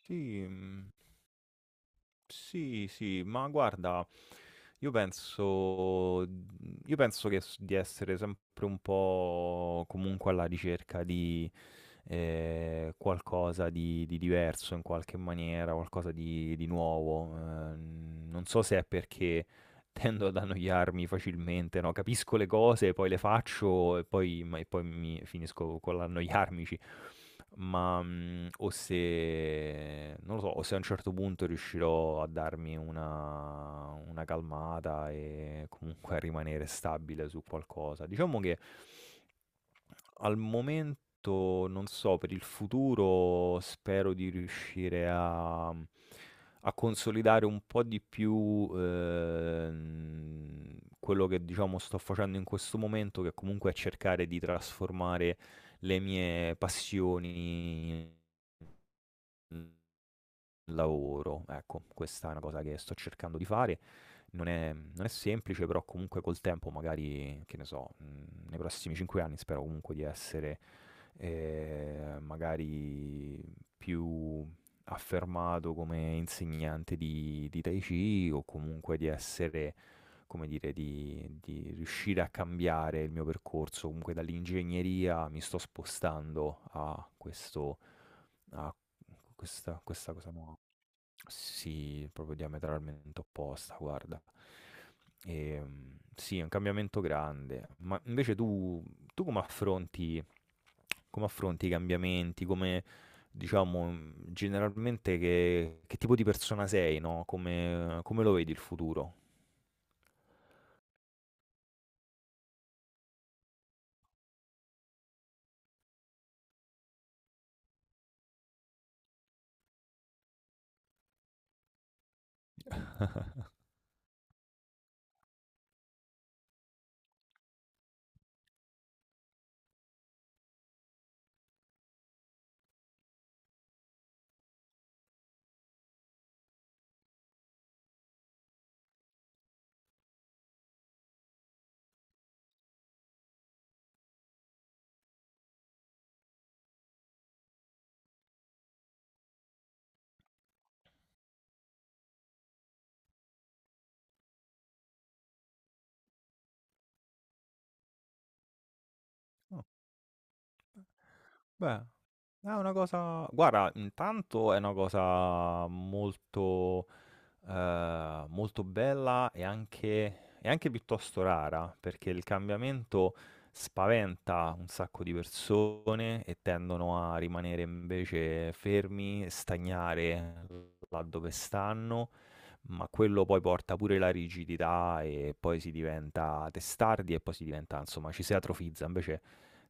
Sì, mm, sì, sì, ma guarda, io penso, io penso che di essere sempre un po' comunque alla ricerca di qualcosa di diverso in qualche maniera, qualcosa di nuovo. Non so se è perché. Tendo ad annoiarmi facilmente, no, capisco le cose, poi le faccio e poi mi finisco con l'annoiarmici. Ma, o se non lo so, o se a un certo punto riuscirò a darmi una calmata e comunque a rimanere stabile su qualcosa. Diciamo che al momento non so, per il futuro spero di riuscire a consolidare un po' di più, quello che diciamo sto facendo in questo momento, che comunque è cercare di trasformare le mie passioni in lavoro. Ecco, questa è una cosa che sto cercando di fare. Non è semplice, però comunque col tempo, magari, che ne so, nei prossimi 5 anni spero comunque di essere magari più affermato come insegnante di Tai Chi o comunque di essere, come dire, di riuscire a cambiare il mio percorso. Comunque dall'ingegneria mi sto spostando a questo, a questa cosa nuova. Sì, proprio diametralmente opposta, guarda. E, mm, sì, è un cambiamento grande. Ma invece tu come affronti i cambiamenti? Come, diciamo, generalmente che tipo di persona sei, no, come lo vedi il futuro? Oh, beh, è una cosa guarda, intanto è una cosa molto, molto bella e anche piuttosto rara, perché il cambiamento spaventa un sacco di persone e tendono a rimanere invece fermi, stagnare là dove stanno, ma quello poi porta pure la rigidità e poi si diventa testardi e poi si diventa, insomma, ci si atrofizza. Invece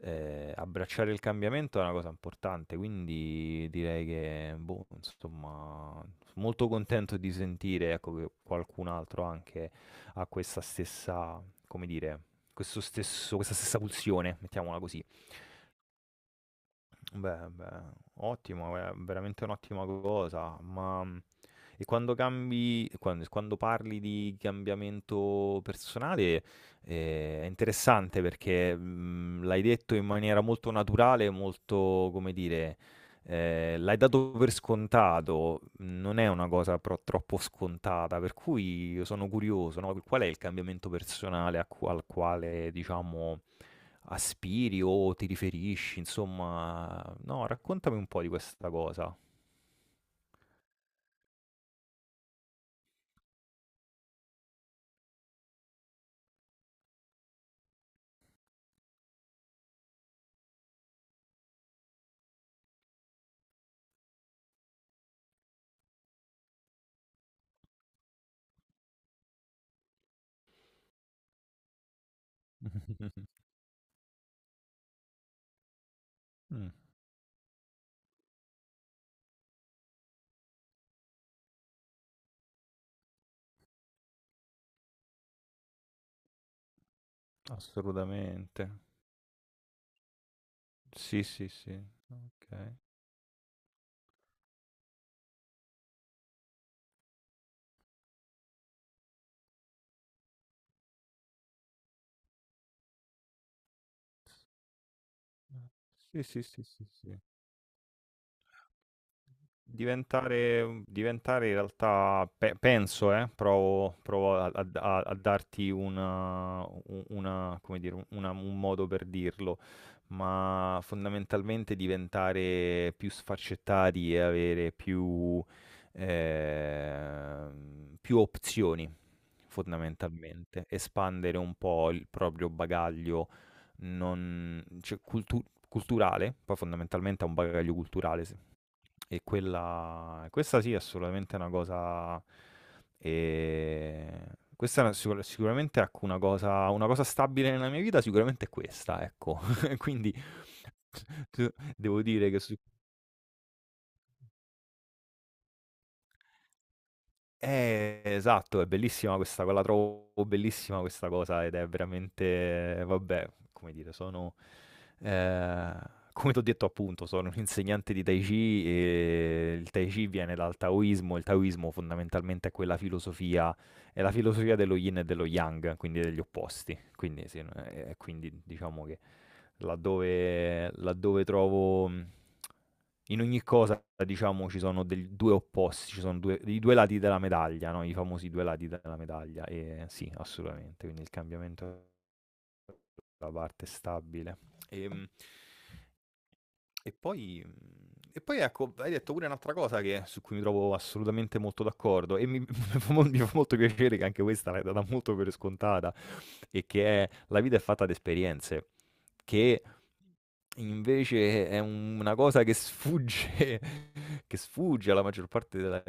abbracciare il cambiamento è una cosa importante, quindi direi che, boh, insomma, molto contento di sentire, ecco, che qualcun altro anche ha questa stessa, come dire, questa stessa pulsione, mettiamola così. Beh, beh, ottimo, è veramente un'ottima cosa, ma e quando cambi, parli di cambiamento personale, è interessante perché l'hai detto in maniera molto naturale, molto, come dire, l'hai dato per scontato, non è una cosa troppo scontata, per cui io sono curioso, no? Qual è il cambiamento personale al quale, diciamo, aspiri o ti riferisci, insomma, no, raccontami un po' di questa cosa. Mm, assolutamente. Sì, sì, sì. Ok. Sì, sì, sì, sì, sì. Diventare in realtà, penso, provo a darti come dire, un modo per dirlo, ma fondamentalmente diventare più sfaccettati e avere più opzioni, fondamentalmente, espandere un po' il proprio bagaglio non, cioè, culturale, poi fondamentalmente è un bagaglio culturale, e quella questa sì, assolutamente è assolutamente una cosa ehm, questa è una sicuramente, ecco, una cosa stabile nella mia vita, sicuramente è questa, ecco. Quindi devo dire che su eh, esatto, è bellissima questa co la trovo bellissima questa cosa, ed è veramente vabbè, come dire, sono ehm, come t'ho detto appunto, sono un insegnante di Tai Chi e il Tai Chi viene dal Taoismo, il Taoismo fondamentalmente è la filosofia dello Yin e dello Yang, quindi degli opposti. Quindi sì, quindi diciamo che laddove trovo, mhmm in ogni cosa, diciamo, ci sono del 2 opposti, ci sono due i 2 lati della medaglia, no, i famosi 2 lati della medaglia. Sì, assolutamente, quindi il cambiamento è la parte stabile. Ehm e poi mhmm, e poi ecco, hai detto pure un'altra cosa che su cui mi trovo assolutamente molto d'accordo e mi mi fa molto piacere che anche questa l'hai data molto per scontata, e che è: la vita è fatta di esperienze, che invece è una cosa che sfugge, che sfugge alla maggior parte della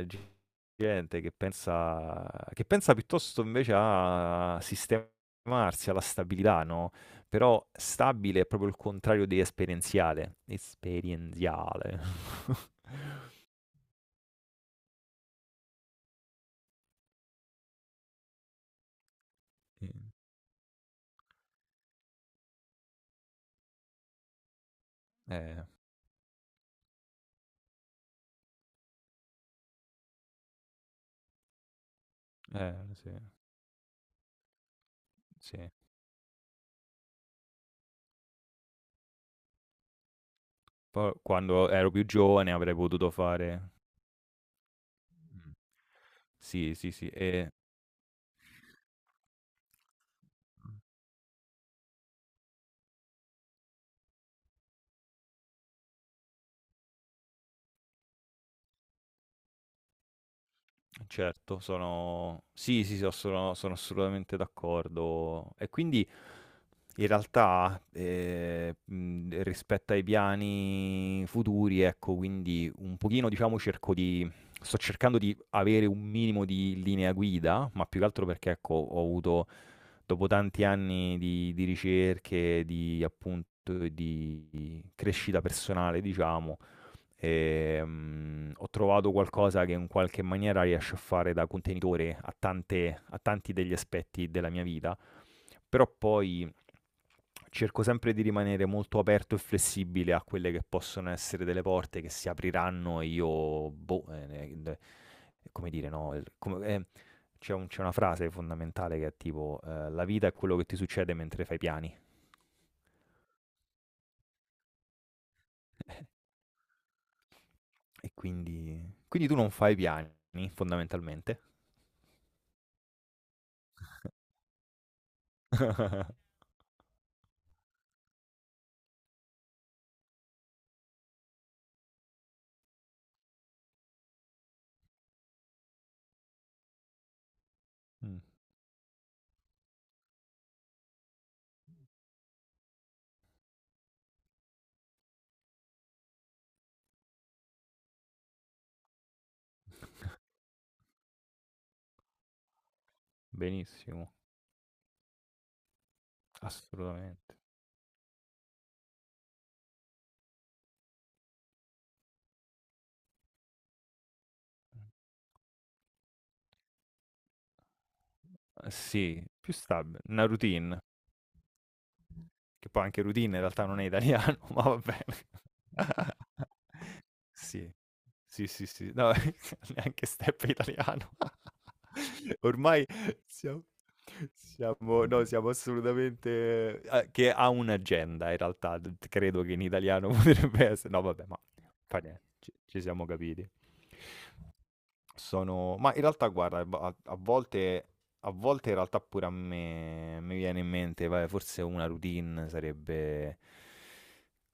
gente che pensa piuttosto invece a sistemarsi, alla stabilità, no, però stabile è proprio il contrario di esperienziale. Esperienziale. Sì. Eh, sì, sì. Poi quando ero più giovane avrei potuto fare. Mh. Sì, sì, sì. Mh. Certo, Sì, sì, sono assolutamente d'accordo. E quindi in realtà rispetto ai piani futuri, ecco, quindi un pochino, diciamo, sto cercando di avere un minimo di linea guida, ma più che altro perché, ecco, ho avuto, dopo tanti anni di ricerche, di appunto, di crescita personale, diciamo, ho trovato qualcosa che in qualche maniera riesce a fare da contenitore a tanti degli aspetti della mia vita, però poi cerco sempre di rimanere molto aperto e flessibile a quelle che possono essere delle porte che si apriranno e io, boh, d come dire, no, il come c'è una frase fondamentale che è tipo: "La vita è quello che ti succede mentre fai piani". E quindi tu non fai piani fondamentalmente? Mh. Benissimo, assolutamente. Sì, più stab 'na routine, che poi anche routine in realtà non è italiano, ma va bene. Sì, sì, sì, sì, no, neanche step è italiano. Ormai siamo siamo no, siamo assolutamente a che ha un'agenda in realtà, d credo che in italiano potrebbe esse no, vabbè, ma fa nie ci siamo capiti. Ma in realtà, guarda, a volte in realtà pure a me mi viene in mente, vabbè, forse una routine sarebbe...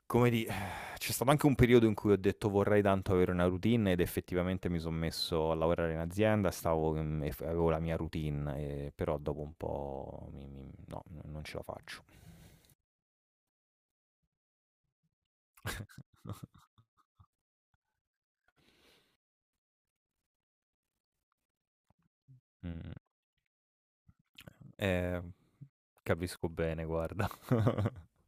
Come di... C'è stato anche un periodo in cui ho detto vorrei tanto avere una routine ed effettivamente mi sono messo a lavorare in azienda, stavo, mm, e f- avevo la mia routine, però dopo un po' no, non ce la faccio. Mm, eh, capisco bene, guarda,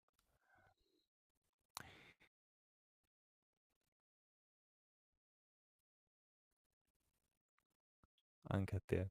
anche a te.